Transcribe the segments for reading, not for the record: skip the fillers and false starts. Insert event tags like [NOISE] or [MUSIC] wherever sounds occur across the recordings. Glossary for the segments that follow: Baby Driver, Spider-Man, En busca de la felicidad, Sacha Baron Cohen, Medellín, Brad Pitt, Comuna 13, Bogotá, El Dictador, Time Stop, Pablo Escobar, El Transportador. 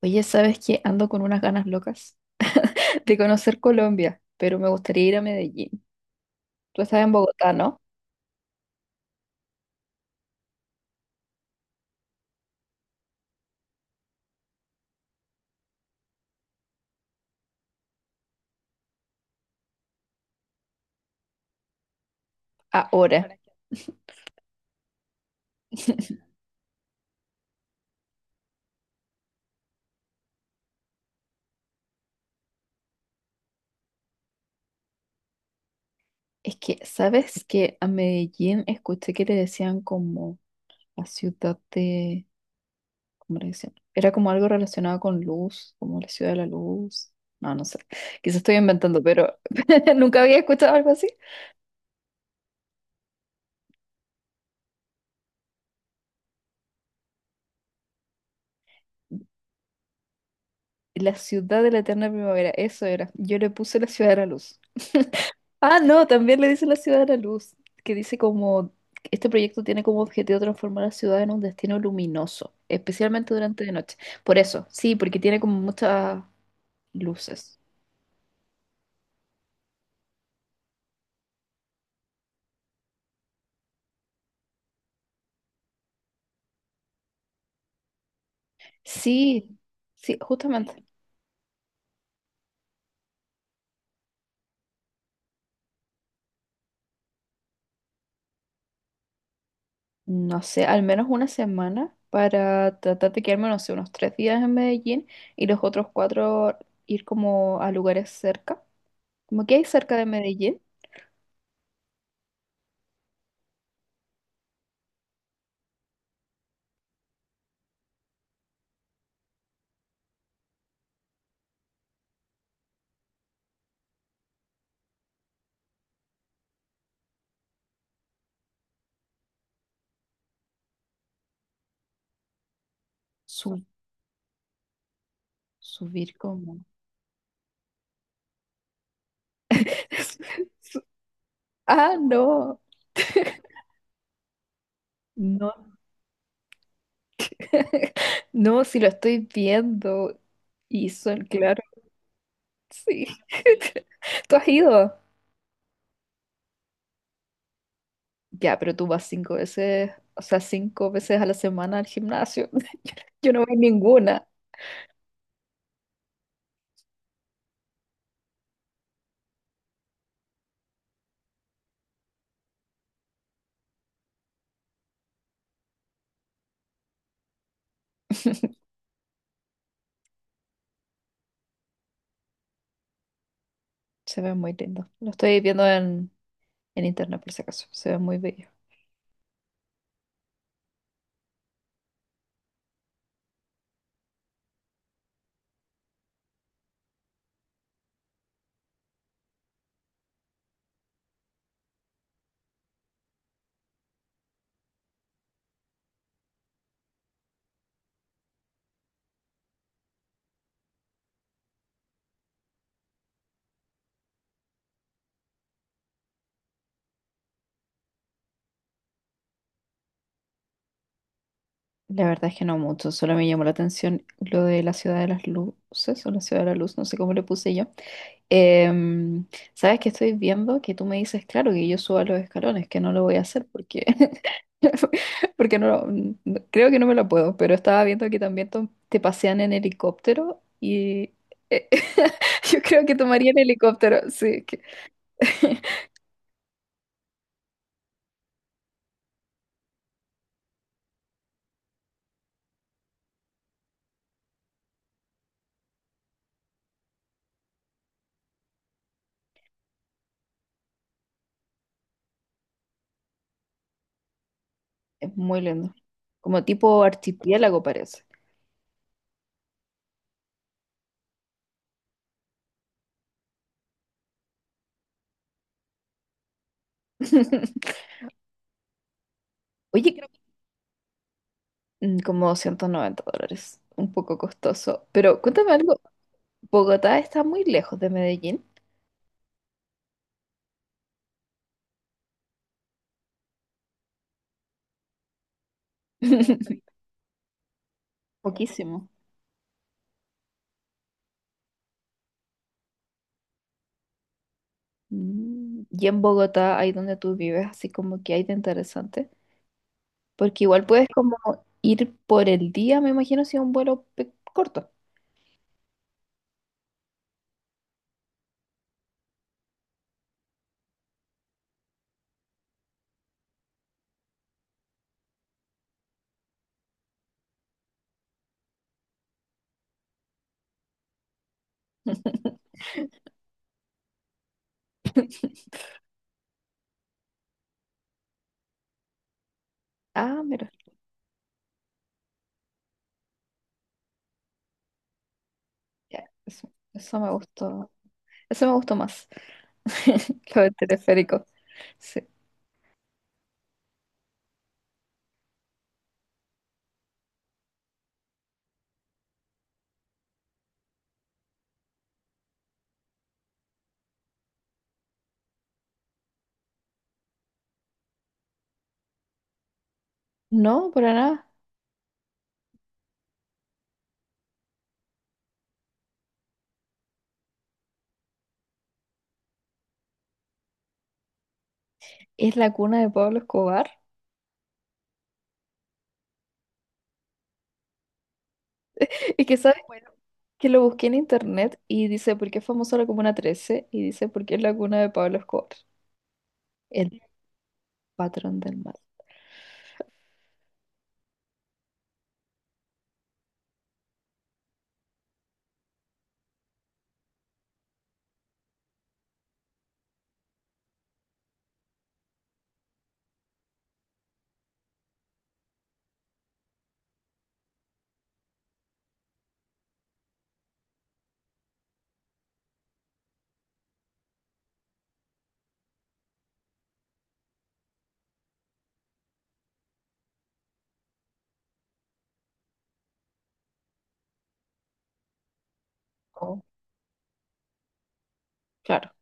Oye, ¿sabes qué? Ando con unas ganas locas [LAUGHS] de conocer Colombia, pero me gustaría ir a Medellín. Tú estás en Bogotá, ¿no? Ahora. [LAUGHS] Es que, ¿sabes que a Medellín escuché que le decían como la ciudad de... ¿Cómo le decían? Era como algo relacionado con luz, como la ciudad de la luz. No, no sé. Quizás estoy inventando, pero [LAUGHS] nunca había escuchado algo así. La ciudad de la eterna primavera, eso era. Yo le puse la ciudad de la luz. Ah, no, también le dice la ciudad de la luz, que dice como este proyecto tiene como objetivo transformar la ciudad en un destino luminoso, especialmente durante la noche. Por eso, sí, porque tiene como muchas luces. Sí, sí, justamente. No sé, al menos una semana para tratar de quedarme, no sé, unos 3 días en Medellín y los otros cuatro ir como a lugares cerca. Como que hay cerca de Medellín. Su- subir como... [LAUGHS] Ah, no. No, [LAUGHS] no, si lo estoy viendo. Y son, claro, sí. [LAUGHS] ¿Tú has ido? Ya, pero tú vas 5 veces, o sea, 5 veces a la semana al gimnasio. [LAUGHS] Yo no voy ninguna. [LAUGHS] Se ve muy lindo. Lo estoy viendo en internet por si acaso. Se ve muy bello. La verdad es que no mucho, solo me llamó la atención lo de la ciudad de las luces o la ciudad de la luz, no sé cómo le puse yo. Em, ¿sabes qué estoy viendo? Que tú me dices, claro, que yo suba los escalones, que no lo voy a hacer porque, [LAUGHS] porque no, creo que no me lo puedo, pero estaba viendo que también te pasean en helicóptero y eh, [LAUGHS] yo creo que tomaría en helicóptero, sí, [LAUGHS] es muy lindo, como tipo archipiélago parece. [LAUGHS] Oye, creo que como $190, un poco costoso, pero cuéntame algo. ¿Bogotá está muy lejos de Medellín? [LAUGHS] Poquísimo. Mm. Y en Bogotá, ahí donde tú vives, así como que hay de interesante, porque igual puedes como ir por el día, me imagino, si es un vuelo corto. [LAUGHS] Ah, mira, ya, eso, eso me gustó más, [LAUGHS] lo del teleférico. Sí. No, para nada, es la cuna de Pablo Escobar. [LAUGHS] Es que, ¿sabes? Bueno, que lo busqué en internet y dice, ¿por qué es famosa la Comuna 13? Y dice, porque es la cuna de Pablo Escobar, el patrón del mal. Oh, claro.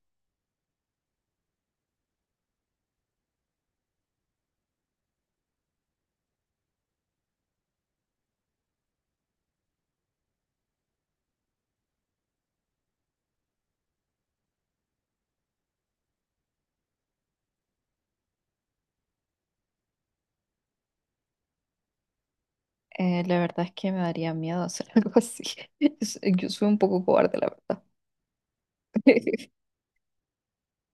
La verdad es que me daría miedo hacer [LAUGHS] algo así. Yo soy un poco cobarde, la verdad. [LAUGHS]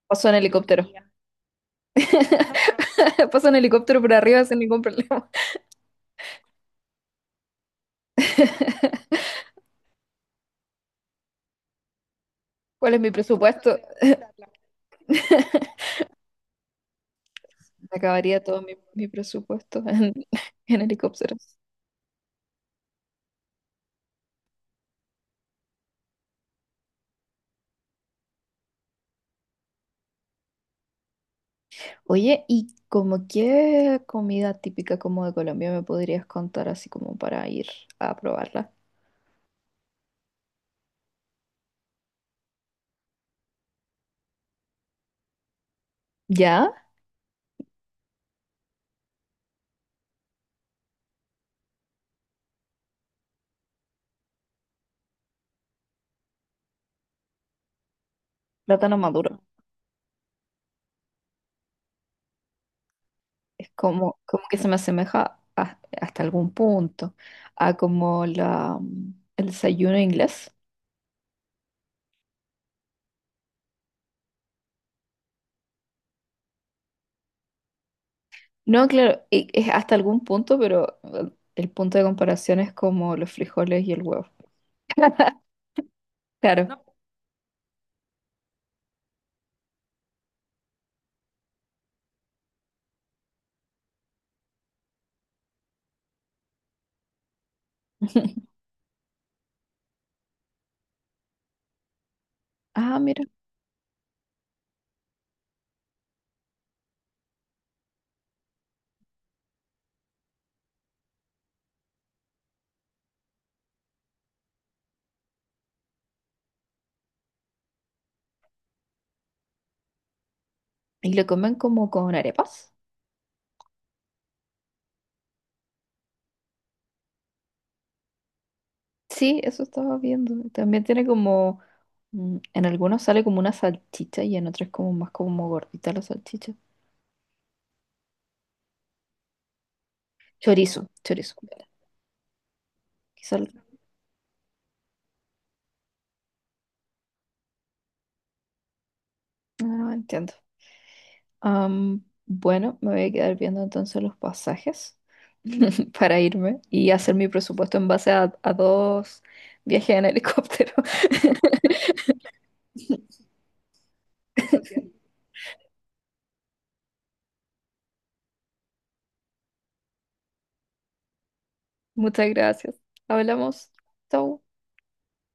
Paso en helicóptero. [LAUGHS] Paso en helicóptero por arriba sin ningún problema. [LAUGHS] ¿Cuál es mi presupuesto? [LAUGHS] Me acabaría todo mi presupuesto en, [LAUGHS] en helicópteros. Oye, ¿y como qué comida típica como de Colombia me podrías contar así como para ir a probarla? ¿Ya? Plátano maduro. Es como, como que se me asemeja hasta algún punto a como el desayuno inglés. No, claro, es hasta algún punto, pero el punto de comparación es como los frijoles y el huevo. Claro. [LAUGHS] Ah, mira. ¿Y lo comen como con arepas? Sí, eso estaba viendo. También tiene como, en algunos sale como una salchicha y en otros como más como gordita la salchicha. Chorizo, chorizo. Quizá, ah, entiendo. Bueno, me voy a quedar viendo entonces los pasajes [LAUGHS] para irme y hacer mi presupuesto en base a dos viajes en helicóptero. [LAUGHS] Muchas gracias. Hablamos. Chau.